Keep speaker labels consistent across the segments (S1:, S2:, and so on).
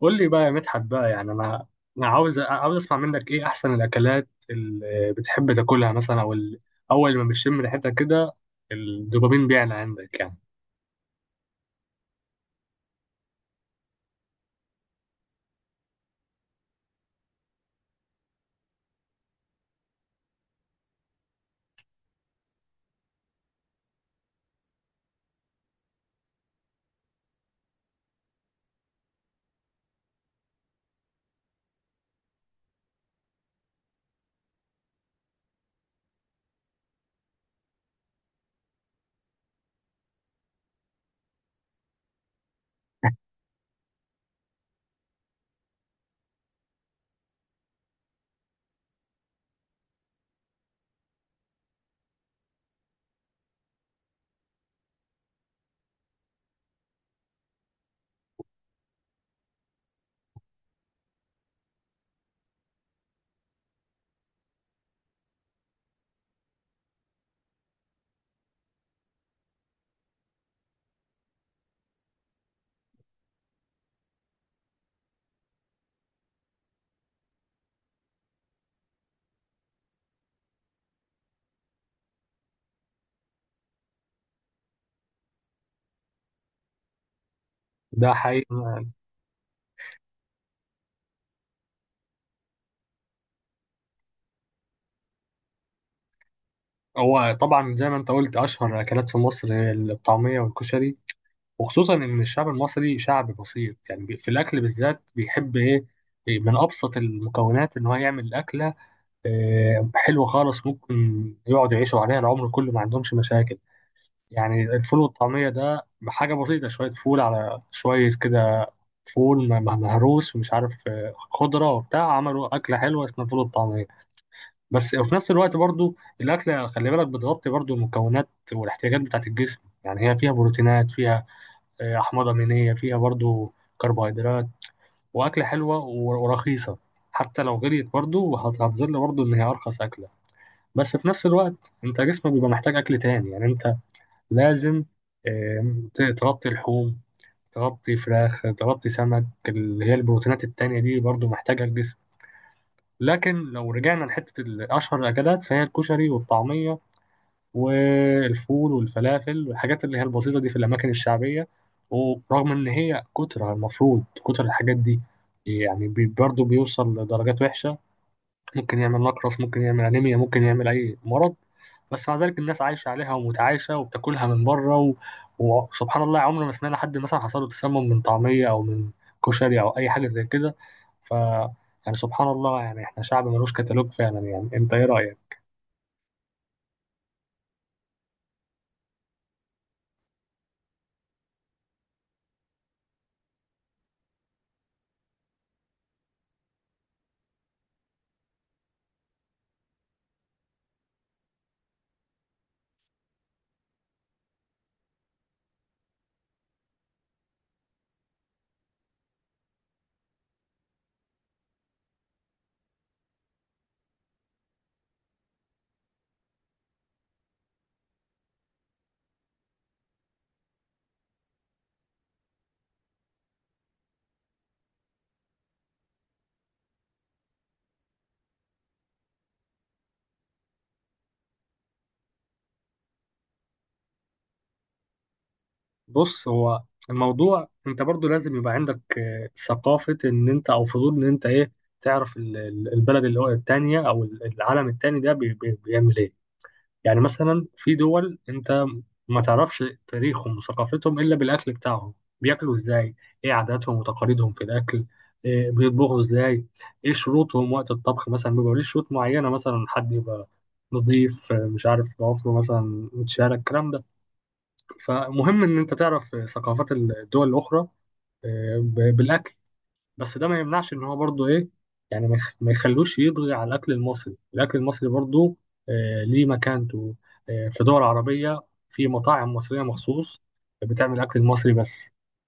S1: قول لي بقى يا مدحت بقى، يعني انا عاوز اسمع منك ايه احسن الاكلات اللي بتحب تاكلها مثلا، او اول ما بتشم ريحتها كده الدوبامين بيعلى عندك يعني. ده حقيقي. هو طبعا زي ما انت قلت اشهر اكلات في مصر هي الطعميه والكشري، وخصوصا ان الشعب المصري شعب بسيط، يعني في الاكل بالذات بيحب ايه، إيه من ابسط المكونات ان هو يعمل اكله. حلوه خالص. ممكن يقعدوا يعيشوا عليها العمر كله ما عندهمش مشاكل. يعني الفول والطعمية ده بحاجة بسيطة، شوية فول على شوية كده. فول مهروس ومش عارف، خضرة وبتاع، عملوا أكلة حلوة اسمها الفول والطعمية بس. وفي نفس الوقت برضو الأكلة خلي بالك بتغطي برضو المكونات والاحتياجات بتاعة الجسم، يعني هي فيها بروتينات، فيها أحماض أمينية، فيها برضو كربوهيدرات. وأكلة حلوة ورخيصة، حتى لو غليت برضو هتظل برضو إن هي أرخص أكلة. بس في نفس الوقت أنت جسمك بيبقى محتاج أكل تاني، يعني أنت لازم تغطي لحوم، تغطي فراخ، تغطي سمك، اللي هي البروتينات التانية دي برضو محتاجها الجسم. لكن لو رجعنا لحتة أشهر الأكلات فهي الكشري والطعمية والفول والفلافل والحاجات اللي هي البسيطة دي في الأماكن الشعبية. ورغم إن هي كترة، المفروض كتر الحاجات دي يعني برضو بيوصل لدرجات وحشة، ممكن يعمل نقرس، ممكن يعمل أنيميا، ممكن يعمل أي مرض. بس مع ذلك الناس عايشة عليها ومتعايشة وبتاكلها من بره. و... وسبحان الله عمرنا ما سمعنا حد مثلا حصل له تسمم من طعمية أو من كشري أو أي حاجة زي كده. ف يعني سبحان الله، يعني احنا شعب ملوش كتالوج فعلا، يعني انت ايه رأيك؟ بص، هو الموضوع انت برضو لازم يبقى عندك ثقافة ان انت، او فضول ان انت ايه، تعرف البلد اللي هو التانية، او العالم التاني ده بيعمل ايه. يعني مثلا في دول انت ما تعرفش تاريخهم وثقافتهم الا بالاكل بتاعهم، بياكلوا ازاي، ايه عاداتهم وتقاليدهم في الاكل، إيه بيطبخوا ازاي، ايه شروطهم وقت الطبخ، مثلا بيبقى ليه شروط معينه، مثلا حد يبقى نضيف، مش عارف ضوافره مثلا متشالة، الكلام ده. فمهم ان انت تعرف ثقافات الدول الاخرى بالاكل. بس ده ما يمنعش ان هو برضه ايه، يعني ما يخلوش يطغي على الاكل المصري. الاكل المصري برضه آه ليه مكانته. آه، في دول عربية في مطاعم مصرية مخصوص بتعمل الاكل المصري بس.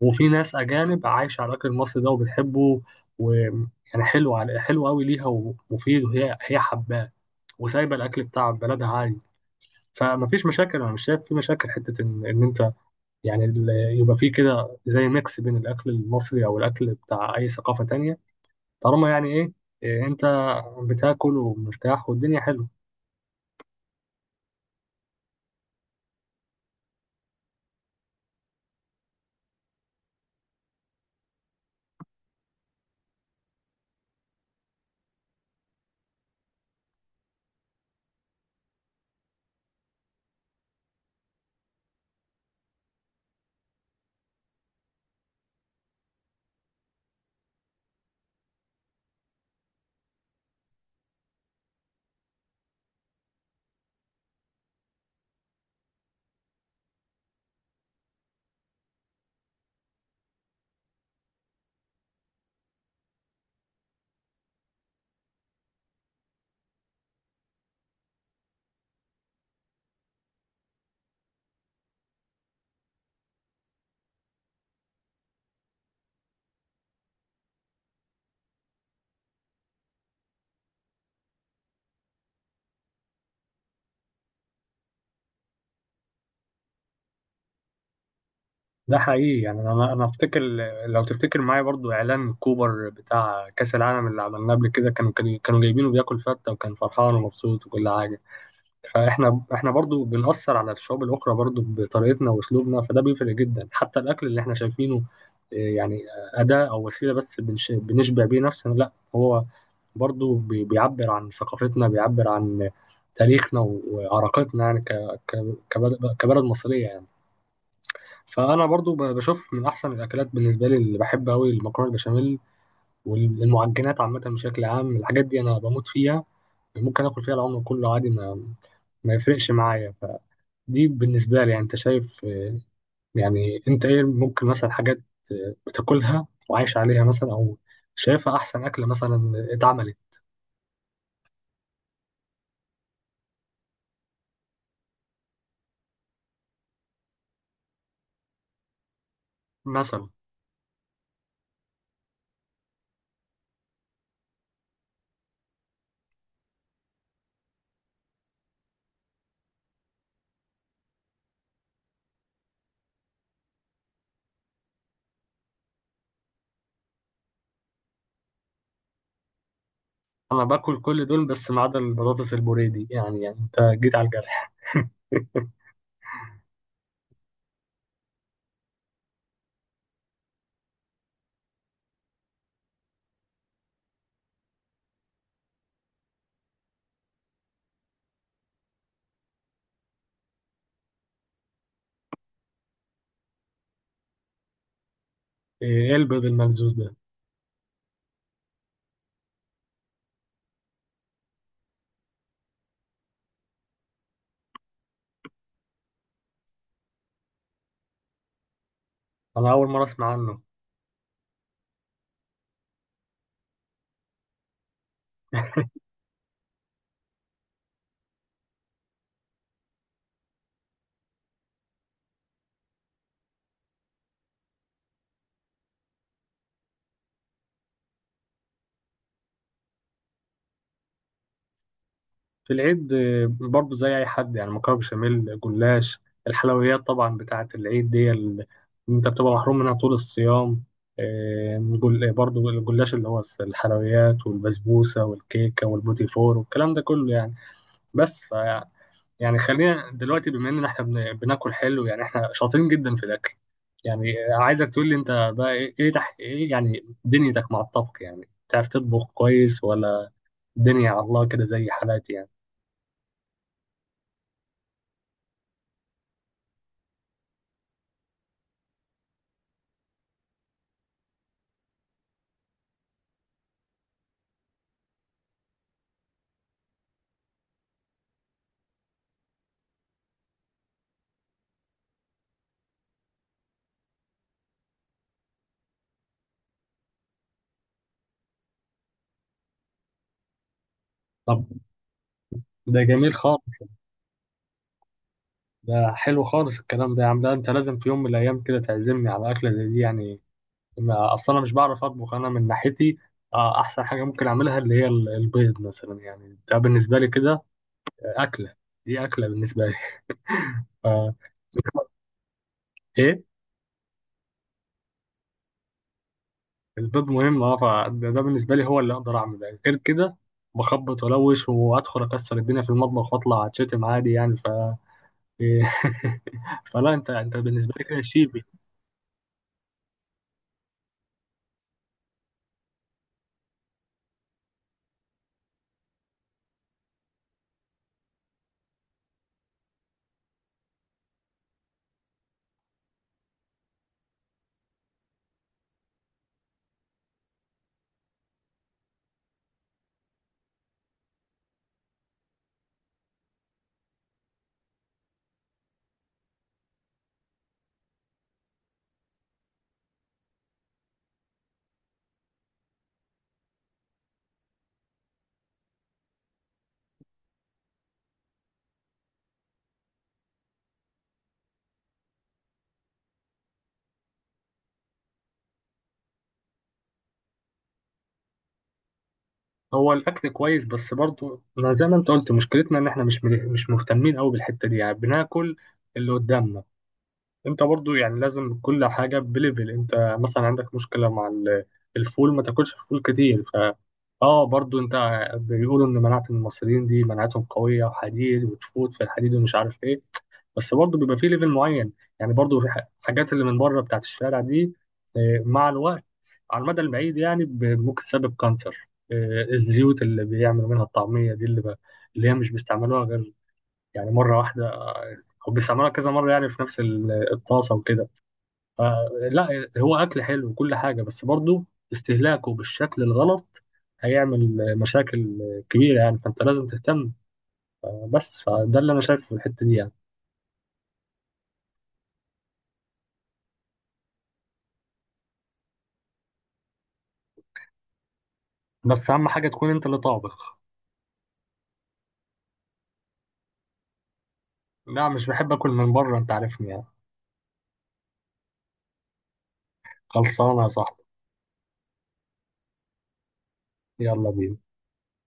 S1: وفي ناس اجانب عايشة على الاكل المصري ده وبتحبه، ويعني حلو على حلو قوي ليها ومفيد، وهي هي حباه وسايبة الاكل بتاع بلدها عادي. فما فيش مشاكل، انا مش شايف في مشاكل حتة ان، إن انت يعني يبقى في كده زي ميكس بين الاكل المصري او الاكل بتاع اي ثقافة تانية. طالما يعني ايه، انت بتاكل ومرتاح والدنيا حلوه. ده حقيقي، يعني انا افتكر لو تفتكر معايا برضو اعلان كوبر بتاع كاس العالم اللي عملناه قبل كده، كانوا جايبينه بياكل فته، وكان فرحان ومبسوط وكل حاجه. فاحنا برضو بنأثر على الشعوب الاخرى برضو بطريقتنا واسلوبنا. فده بيفرق جدا حتى الاكل اللي احنا شايفينه يعني اداه او وسيله بس بنشبع بيه نفسنا، لا، هو برضو بيعبر عن ثقافتنا، بيعبر عن تاريخنا وعراقتنا، يعني كبلد كبلد مصرية يعني. فأنا برضو بشوف من أحسن الأكلات بالنسبة لي اللي بحب أوي المكرونة البشاميل والمعجنات عامة بشكل عام. الحاجات دي أنا بموت فيها، ممكن آكل فيها العمر كله عادي، ما يفرقش معايا. فدي بالنسبة لي، يعني أنت شايف، يعني أنت إيه ممكن مثلا حاجات بتاكلها وعايش عليها مثلا، أو شايفها أحسن أكلة مثلا اتعملت. مثلا انا باكل كل دول بس ما عدا البطاطس البوريدي، يعني يعني انت جيت على الجرح. ايه البيض الملزوز ده؟ انا اول مره اسمع عنه. في العيد برضو زي اي حد يعني، مكرونه بشاميل، جلاش، الحلويات طبعا بتاعه العيد دي انت بتبقى محروم منها طول الصيام. برضو الجلاش اللي هو الحلويات والبسبوسه والكيكه والبوتي فور والكلام ده كله يعني. بس يعني خلينا دلوقتي بما ان احنا بناكل حلو، يعني احنا شاطرين جدا في الاكل. يعني عايزك تقول لي انت بقى ايه، إيه يعني دنيتك مع الطبخ، يعني بتعرف تطبخ كويس ولا الدنيا على الله كده زي حالاتي يعني. طب ده جميل خالص. ده حلو خالص الكلام ده يا عم، ده انت لازم في يوم من الايام كده تعزمني على اكله زي دي يعني. ما اصلا انا مش بعرف اطبخ انا من ناحيتي. احسن حاجه ممكن اعملها اللي هي البيض مثلا، يعني ده بالنسبه لي كده اكله، دي اكله بالنسبه لي. آه، ايه الباب مهم اه، فده ده بالنسبه لي هو اللي اقدر اعمله، يعني غير كده بخبط ولوش، وادخل اكسر الدنيا في المطبخ واطلع اتشتم عادي يعني. ف فلا انت، انت بالنسبه لي كده شيبي. هو الاكل كويس، بس برضو ما زي ما انت قلت مشكلتنا ان احنا مش مهتمين قوي بالحته دي، يعني بناكل اللي قدامنا. انت برضو يعني لازم كل حاجة بليفل. انت مثلا عندك مشكلة مع الفول، ما تاكلش فول كتير. ف اه برضو انت بيقولوا ان مناعة المصريين دي مناعتهم قوية وحديد وتفوت في الحديد ومش عارف ايه. بس برضو بيبقى فيه ليفل معين، يعني برضو في حاجات اللي من بره بتاعت الشارع دي اه، مع الوقت على المدى البعيد، يعني ممكن تسبب كانسر. اه، الزيوت اللي بيعملوا منها الطعمية دي اللي هي مش بيستعملوها غير يعني مرة واحدة، أو بيستعملوها كذا مرة يعني في نفس الطاسة وكده. آه لا، هو اكل حلو وكل حاجه، بس برضه استهلاكه بالشكل الغلط هيعمل مشاكل كبيره يعني، فانت لازم تهتم. بس فده اللي انا شايفه في الحته دي يعني. بس اهم حاجه تكون انت اللي طابخ. لا مش بحب اكل من بره انت عارفني يعني. خلصانه يا صاحبي. يلا بينا.